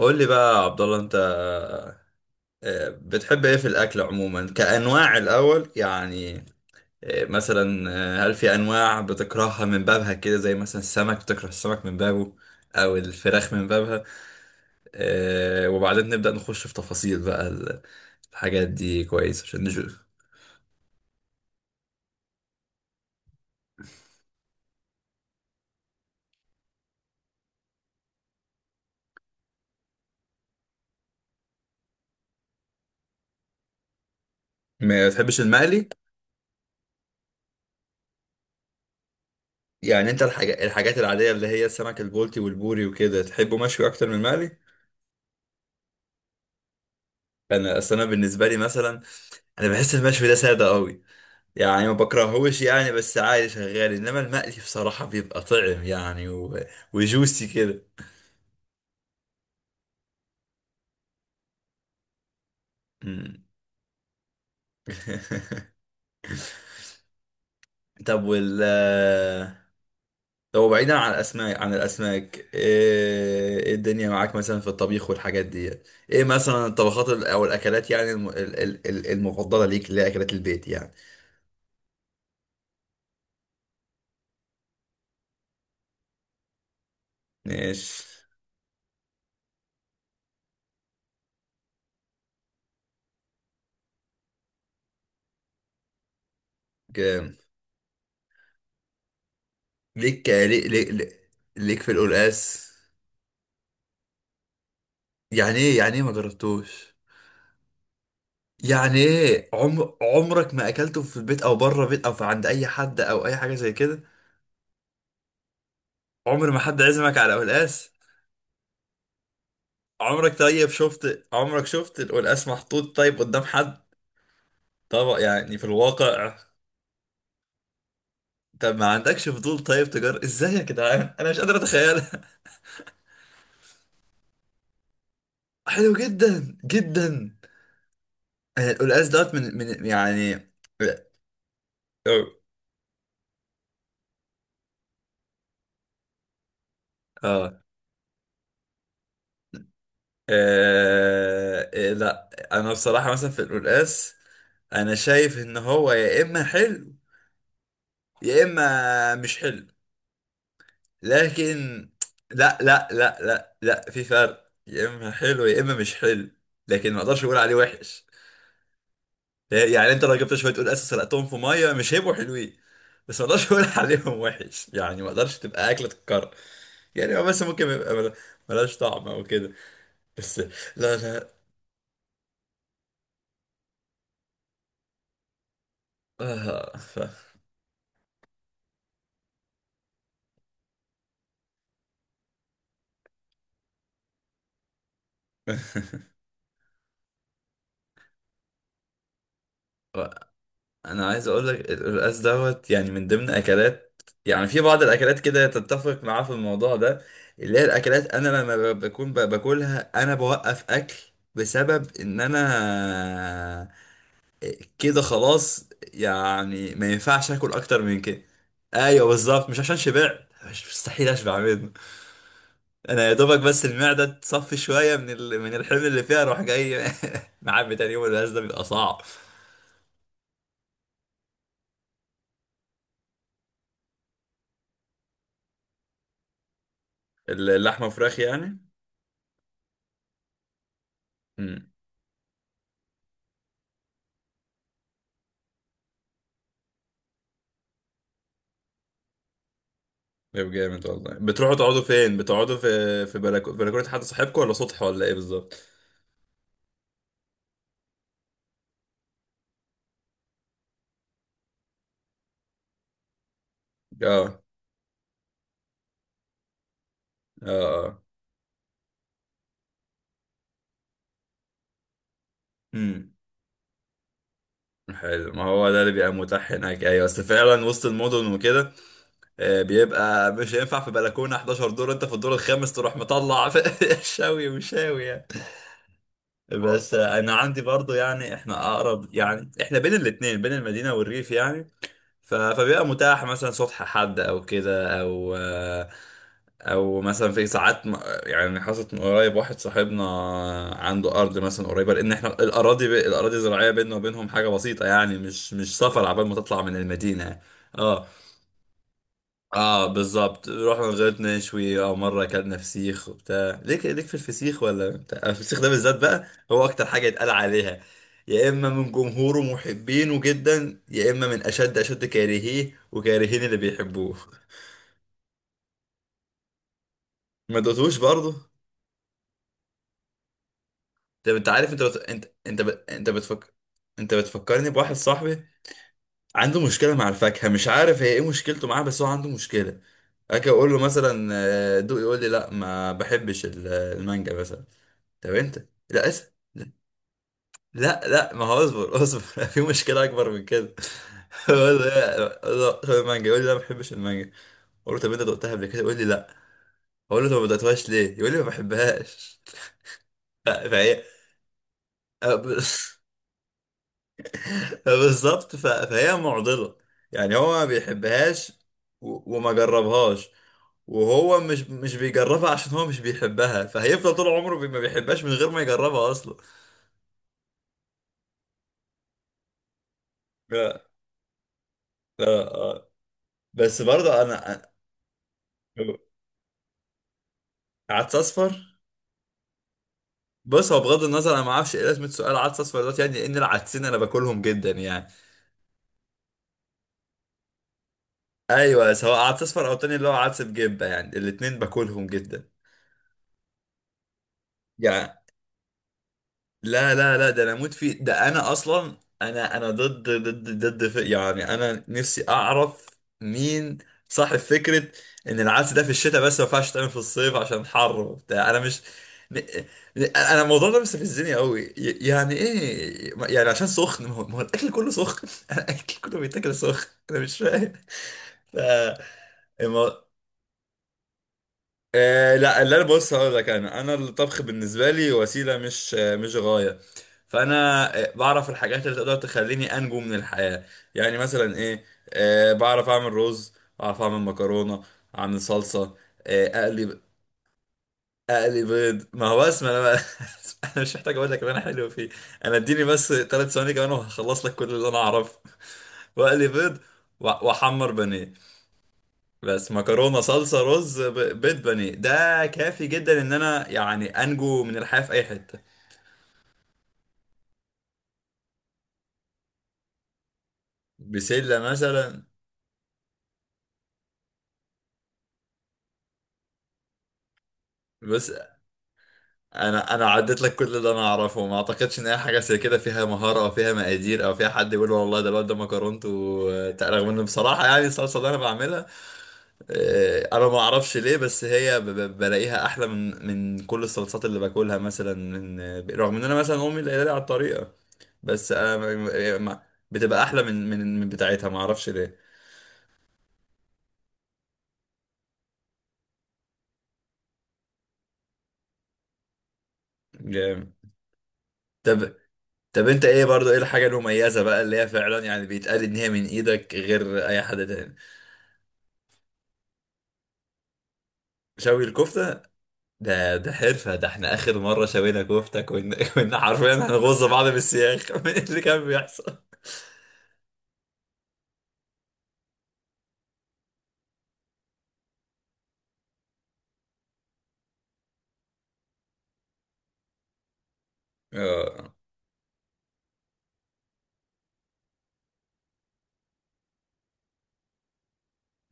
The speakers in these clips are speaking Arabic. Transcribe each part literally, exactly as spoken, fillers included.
قول لي بقى يا عبد الله انت. آه، بتحب ايه في الاكل عموما كانواع الاول يعني؟ آه، مثلا، آه، هل في انواع بتكرهها من بابها كده؟ زي مثلا السمك، بتكره السمك من بابه او الفراخ من بابها؟ آه، وبعدين نبدا نخش في تفاصيل بقى ال- الحاجات دي، كويس عشان نشوف. ما تحبش المقلي؟ يعني انت الحاجات الحاجات العاديه اللي هي السمك البلطي والبوري وكده، تحبه مشوي اكتر من المقلي؟ انا اصل انا بالنسبه لي مثلا، انا بحس المشوي ده ساده قوي، يعني ما بكرهوش يعني، بس عادي شغال، انما المقلي بصراحة بيبقى طعم يعني و... وجوسي كده. مم. طب وال طب بعيدا عن الاسماك، عن الاسماك، ايه إيه الدنيا معاك مثلا في الطبيخ والحاجات دي؟ ايه مثلا الطبخات ال- او الاكلات، يعني الم... ال- ال- ال- المفضلة ليك، اللي هي اكلات البيت يعني. ماشي. جام. ليك ليك ليك, ليك في القلقاس؟ يعني ايه يعني ايه ما جربتوش؟ يعني ايه، عمر عمرك ما اكلته في البيت او بره بيت او في عند اي حد او اي حاجه زي كده؟ عمر ما حد عزمك على قلقاس؟ عمرك طيب شفت عمرك، شفت القلقاس محطوط طيب قدام حد؟ طبعا يعني في الواقع. طب ما عندكش فضول؟ طيب تجار ازاي يا جدعان، انا مش قادر اتخيلها. حلو جدا جدا. أنا القلقاس دوت من من يعني، اه. آه، آه، إيه، لا. انا بصراحه مثلا في القلقاس، انا شايف ان هو يا اما حلو يا اما مش حلو، لكن لا لا لا لا لا في فرق، يا اما حلو يا اما مش حلو، لكن ما اقدرش اقول عليه وحش. يعني انت لو جبت شويه قول اساس سلقتهم في ميه، مش هيبقوا حلوين، بس ما اقدرش اقول عليهم وحش، يعني ما اقدرش تبقى اكله تتكرر، يعني هو بس ممكن يبقى مل- ملهاش طعم او كده، بس. لا لا آه. ف... انا عايز اقول لك، القلقاس دوت يعني من ضمن اكلات، يعني في بعض الاكلات كده تتفق معاه في الموضوع ده، اللي هي الاكلات انا لما ب- بكون ب- باكلها انا بوقف اكل، بسبب ان انا كده خلاص، يعني ما ينفعش اكل اكتر من كده. ايوه بالظبط، مش عشان شبعت، مش مستحيل اشبع منه، انا يا دوبك بس المعده تصفي شويه من ال... من الحمل اللي فيها اروح جاي معبي تاني يوم. القلقاس ده بيبقى صعب. اللحمه وفراخ يعني؟ طيب جامد والله. بتروحوا تقعدوا فين؟ بتقعدوا في في بلكو... بلكونة حد صاحبكم ولا سطح ولا ايه بالظبط؟ اه، اه، اه، امم. حلو، ما هو ده اللي بيبقى متاح هناك، ايوه، بس فعلا وسط المدن وكده آه، بيبقى مش هينفع في بلكونة احد عشر دور، انت في الدور الخامس تروح مطلع شاوي وشاوي يعني. بس آه، انا عندي برضو، يعني احنا اقرب، يعني احنا بين الاتنين بين المدينة والريف يعني، ف- فبيبقى متاح مثلا صبح حد او كده، او او مثلا في ساعات م- يعني حصلت من قريب، واحد صاحبنا عنده ارض مثلا قريبه، لان احنا الاراضي ب... الاراضي الزراعيه بيننا وبينهم حاجه بسيطه يعني، مش مش سفر عبال ما تطلع من المدينه. اه اه بالظبط، رحنا وزيت نشوي، او مره اكلنا فسيخ وبتاع. ليك ليك في الفسيخ ولا بتاع؟ الفسيخ ده بالذات بقى هو اكتر حاجه يتقال عليها، يا اما من جمهوره محبينه جدا يا اما من اشد اشد كارهيه، وكارهين اللي بيحبوه. ما دوتوش برضه؟ طب انت عارف، انت بت... انت انت ب... انت بتفكر، انت بتفكرني بواحد صاحبي عنده مشكله مع الفاكهه، مش عارف هي ايه مشكلته معاها، بس هو عنده مشكله، اجي اقول له مثلا آه، دوق، يقول لي لا ما بحبش ال- المانجا مثلا. طب انت، لا اسف، لا، لا لا، ما هو اصبر اصبر في مشكلة اكبر من كده. هو ده خد المانجا يقول لي لا ما بحبش المانجا، اقول له طب انت دقتها قبل كده؟ يقول لي لا. اقول له طب ما دقتهاش ليه؟ يقول لي ما بحبهاش. ف- فهي أه، ب- بالظبط، ف- فهي معضلة، يعني هو ما بيحبهاش و- وما جربهاش، وهو مش مش بيجربها عشان هو مش بيحبها، فهيفضل طول عمره بي- ما بيحبهاش من غير ما يجربها اصلا. لا لا آه. بس برضه انا عدس اصفر. بص، هو بغض النظر، انا ما اعرفش ايه لازمه سؤال عدس اصفر دلوقتي، يعني لان العدسين انا باكلهم جدا يعني، ايوه سواء عدس اصفر او تاني اللي هو عدس بجبه، يعني الاتنين باكلهم جدا يعني. لا لا لا ده انا اموت فيه، ده انا اصلا انا انا ضد ضد ضد ف- يعني انا نفسي اعرف مين صاحب فكرة ان العدس ده في الشتاء بس ما ينفعش تعمل في الصيف عشان حر وبتاع. انا مش م- م- انا الموضوع ده مستفزني قوي، ي- يعني ايه يعني عشان سخن، ما هو ما هو الاكل كله سخن، الاكل كله بيتاكل سخن، انا مش فاهم. ف، آه لا، اللي انا، بص هقول لك، انا انا الطبخ بالنسبه لي وسيله، مش آه مش غايه، فانا آه بعرف الحاجات اللي تقدر تخليني انجو من الحياه، يعني مثلا ايه؟ آه بعرف اعمل رز، بعرف اعمل مكرونه، اعمل صلصه، آه اقلي، اقلي بيض، ما هو بس ما انا بقى انا مش محتاج اقول لك ان انا حلو فيه، انا اديني بس ثلاث ثواني كمان وهخلص لك كل اللي انا اعرفه، واقلي بيض وأ- واحمر بانيه، بس. مكرونه، صلصه، رز، ب- بيض، بانيه، ده كافي جدا ان انا يعني انجو من الحياه في اي حته. بسله مثلا. بس انا انا عديت لك كل اللي انا اعرفه، ما اعتقدش ان اي حاجه زي كده فيها مهاره او فيها مقادير او فيها حد يقول والله ده الواد ده مكرونته، وت- رغم ان بصراحه يعني الصلصه اللي انا بعملها، آه، انا ما اعرفش ليه، بس هي ب- ب- بلاقيها احلى من من كل الصلصات اللي باكلها مثلا، من رغم ان انا مثلا امي اللي قايله لي على الطريقه، بس انا ما- ما- بتبقى احلى من من من بتاعتها، ما اعرفش ليه. جامد. طب طب انت ايه برضو، ايه الحاجه المميزه بقى اللي هي فعلا يعني بيتقال ان هي من ايدك غير اي حد تاني؟ شوي الكفتة. ده ده حرفة، ده احنا آخر مرة شوينا كفتة كنا كنا حرفيا هنغز بعض بالسياخ من اللي كان بيحصل. اه.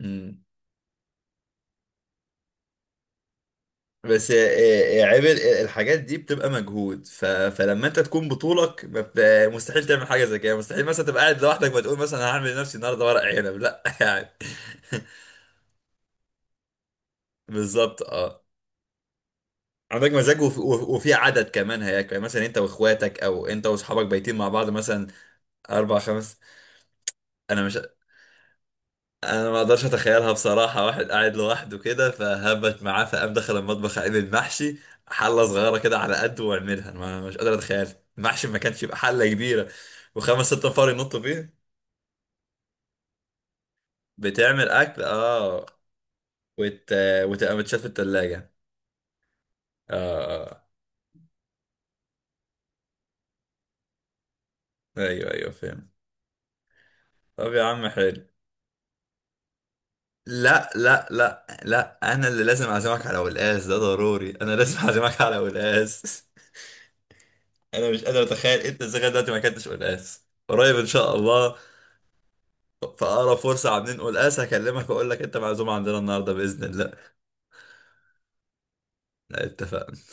أمم. بس آه، آه، عيب ال- الحاجات دي بتبقى مجهود، ف... فلما انت تكون بطولك ما بت... مستحيل تعمل حاجة زي كده، مستحيل مثلا تبقى قاعد لوحدك ما تقول مثلا أنا هعمل لنفسي النهارده ورق عنب، لا يعني. بالظبط اه. عندك مزاج وفي, وفي عدد كمان هياكل، يعني مثلا انت واخواتك او انت واصحابك بايتين مع بعض مثلا، اربع خمس. انا مش، انا ما اقدرش اتخيلها بصراحه، واحد قاعد لوحده كده فهبت معاه فقام دخل المطبخ عامل المحشي حله صغيره كده على قده واعملها، أنا ما مش قادر اتخيل. المحشي ما كانش يبقى حله كبيره وخمس ست نفار ينطوا فيه؟ بتعمل اكل اه، وت... وتبقى متشال في التلاجة. اه، اه، ايوه ايوه فاهم. طب يا عم حلو. لا لا لا لا انا اللي لازم اعزمك على قلقاس، ده ضروري، انا لازم اعزمك على قلقاس. انا مش قادر اتخيل انت ازاي لغاية دلوقتي ما اكلتش قلقاس، قريب ان شاء الله. فأقرب فرصة عم ننقل قاس هكلمك وأقول لك أنت معزوم عندنا النهاردة بإذن الله. اتفق.